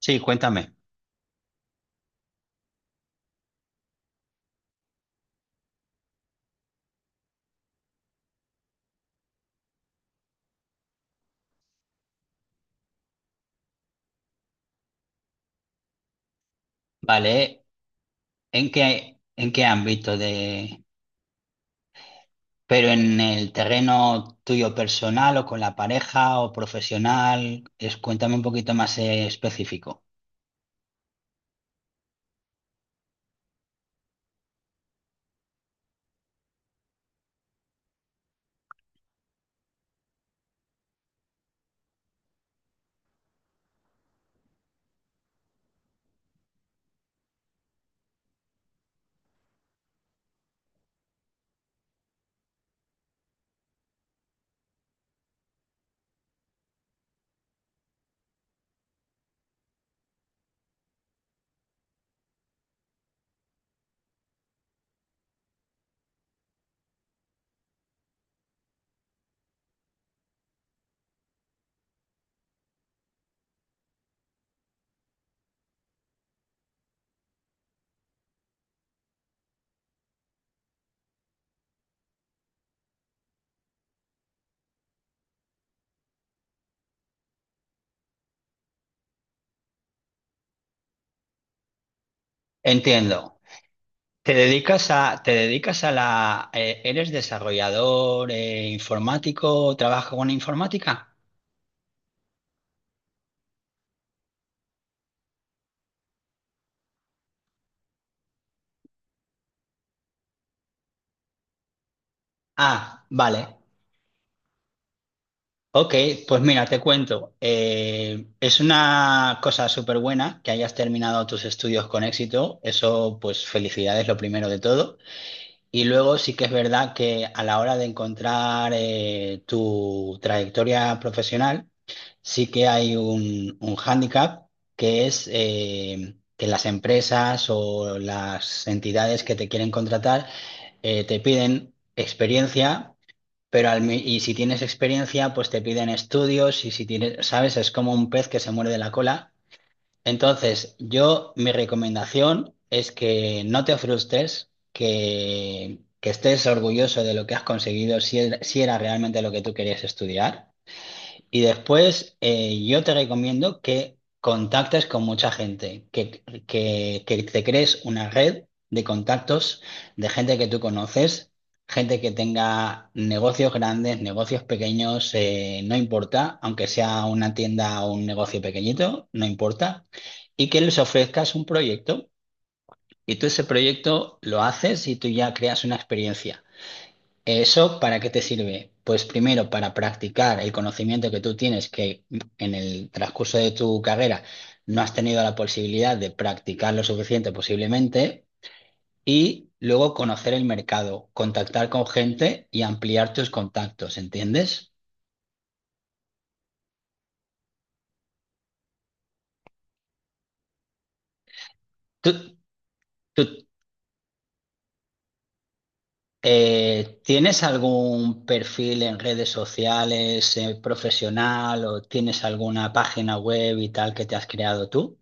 Sí, cuéntame. Vale, ¿En qué ámbito pero en el terreno tuyo personal, o con la pareja, o profesional? Cuéntame un poquito más, específico. Entiendo. Te dedicas a la, Eres desarrollador, informático? ¿Trabajas con informática? Ah, vale. Ok, pues mira, te cuento. Es una cosa súper buena que hayas terminado tus estudios con éxito. Eso, pues felicidades, lo primero de todo. Y luego sí que es verdad que, a la hora de encontrar tu trayectoria profesional, sí que hay un hándicap, que es que las empresas o las entidades que te quieren contratar, te piden experiencia, pero y si tienes experiencia, pues te piden estudios. Y si tienes, ¿sabes? Es como un pez que se muerde la cola. Entonces, yo, mi recomendación es que no te frustres, que estés orgulloso de lo que has conseguido, si era realmente lo que tú querías estudiar. Y después, yo te recomiendo que contactes con mucha gente, que te crees una red de contactos, de gente que tú conoces, gente que tenga negocios grandes, negocios pequeños, no importa, aunque sea una tienda o un negocio pequeñito, no importa, y que les ofrezcas un proyecto. Y tú, ese proyecto lo haces, y tú ya creas una experiencia. ¿Eso para qué te sirve? Pues primero, para practicar el conocimiento que tú tienes, que en el transcurso de tu carrera no has tenido la posibilidad de practicar lo suficiente, posiblemente, y luego conocer el mercado, contactar con gente y ampliar tus contactos. ¿Entiendes? ¿Tú, tú, Tienes algún perfil en redes sociales, profesional, o tienes alguna página web y tal que te has creado tú?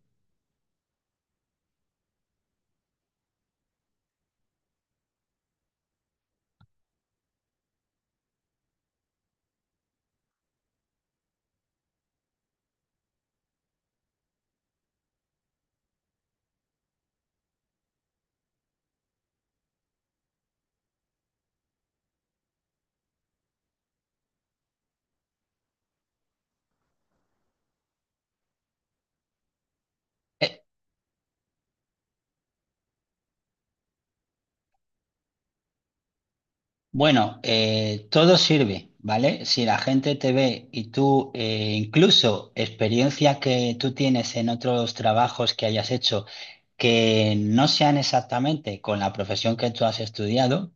Eh, Bueno, todo sirve, ¿vale? Si la gente te ve y tú, incluso experiencia que tú tienes en otros trabajos que hayas hecho, que no sean exactamente con la profesión que tú has estudiado,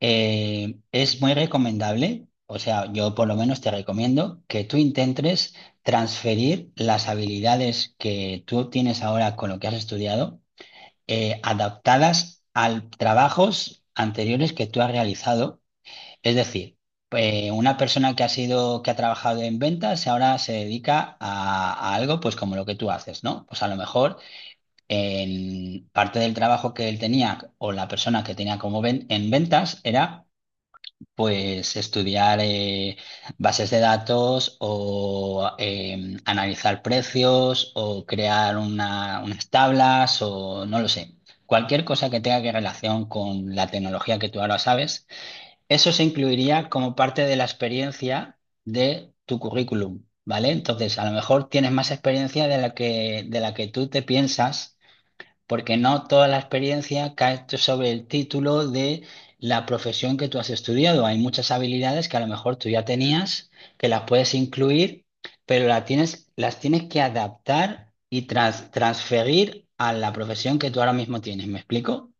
es muy recomendable. O sea, yo por lo menos te recomiendo que tú intentes transferir las habilidades que tú tienes ahora con lo que has estudiado, adaptadas a trabajos anteriores que tú has realizado. Es decir, una persona que ha sido, que ha trabajado en ventas y ahora se dedica a algo, pues como lo que tú haces, ¿no? Pues a lo mejor, en parte del trabajo que él tenía, o la persona que tenía como en ventas, era pues estudiar, bases de datos, o analizar precios, o crear unas tablas, o no lo sé. Cualquier cosa que tenga que relación con la tecnología que tú ahora sabes, eso se incluiría como parte de la experiencia de tu currículum, ¿vale? Entonces, a lo mejor tienes más experiencia de la que tú te piensas, porque no toda la experiencia cae sobre el título de la profesión que tú has estudiado. Hay muchas habilidades que a lo mejor tú ya tenías, que las puedes incluir, pero las tienes que adaptar y transferir a la profesión que tú ahora mismo tienes. ¿Me explico?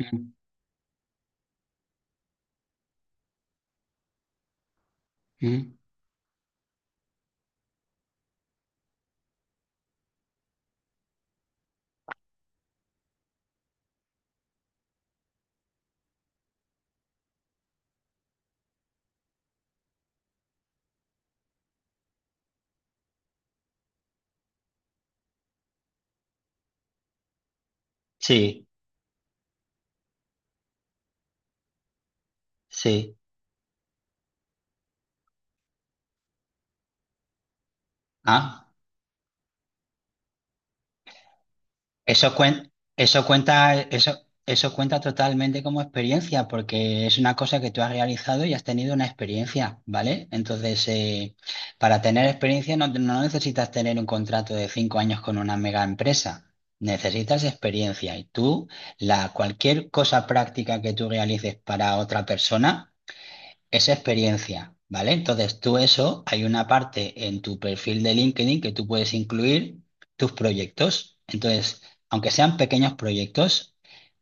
Mm, mm. Sí, sí. Ah. Eso cuen- eso cuenta, eso cuenta totalmente como experiencia, porque es una cosa que tú has realizado y has tenido una experiencia, ¿vale? Entonces, para tener experiencia, no, no necesitas tener un contrato de 5 años con una mega empresa. Necesitas experiencia, y tú, cualquier cosa práctica que tú realices para otra persona, es experiencia, ¿vale? Entonces tú, eso, hay una parte en tu perfil de LinkedIn que tú puedes incluir tus proyectos. Entonces, aunque sean pequeños proyectos,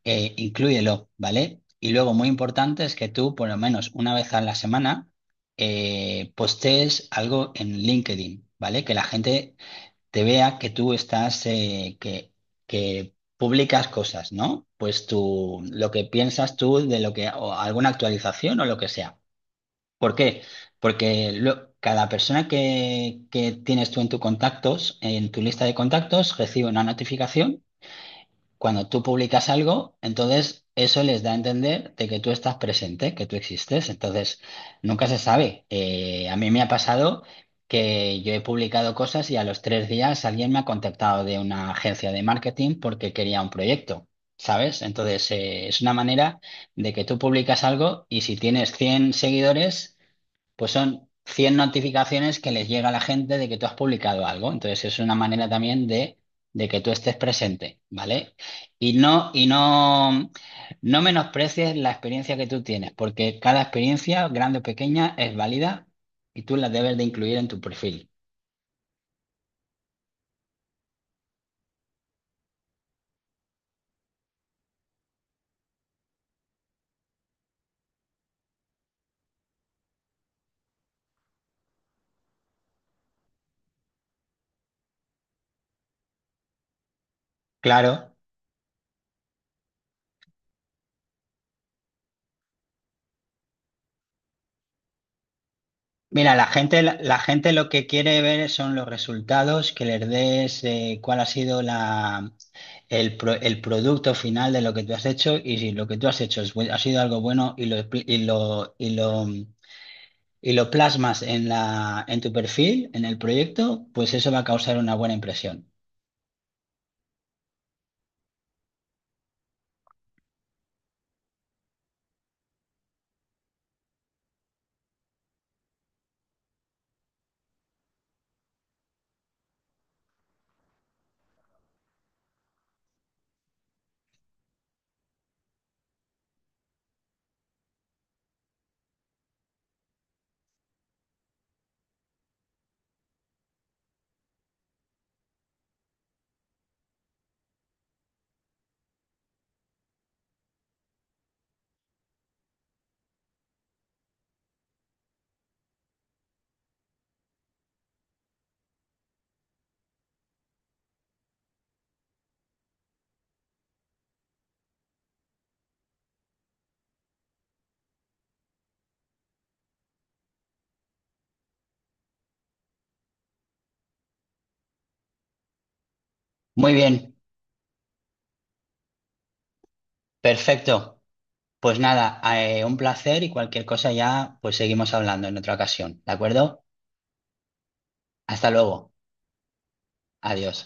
inclúyelo, ¿vale? Y luego, muy importante es que tú, por lo menos una vez a la semana, postees algo en LinkedIn, ¿vale? Que la gente te vea que tú estás, que publicas cosas, ¿no? Pues tú, lo que piensas tú de lo que, o alguna actualización o lo que sea. ¿Por qué? Porque cada persona que tienes tú en tus contactos, en tu lista de contactos, recibe una notificación cuando tú publicas algo. Entonces, eso les da a entender de que tú estás presente, que tú existes. Entonces, nunca se sabe. A mí me ha pasado que yo he publicado cosas y a los 3 días alguien me ha contactado de una agencia de marketing porque quería un proyecto. ¿Sabes? Entonces, es una manera de que tú publicas algo, y si tienes 100 seguidores, pues son 100 notificaciones que les llega a la gente de que tú has publicado algo. Entonces es una manera también de que tú estés presente, ¿vale? Y no, y no, no menosprecies la experiencia que tú tienes, porque cada experiencia, grande o pequeña, es válida, y tú la debes de incluir en tu perfil. Claro. Mira, la gente, la gente lo que quiere ver son los resultados, que les des, cuál ha sido el producto final de lo que tú has hecho. Y si lo que tú has hecho es ha sido algo bueno, y lo, expli- y lo, y lo, y lo plasmas en tu perfil, en el proyecto, pues eso va a causar una buena impresión. Muy bien, perfecto. Pues nada, un placer, y cualquier cosa ya, pues seguimos hablando en otra ocasión, ¿de acuerdo? Hasta luego. Adiós.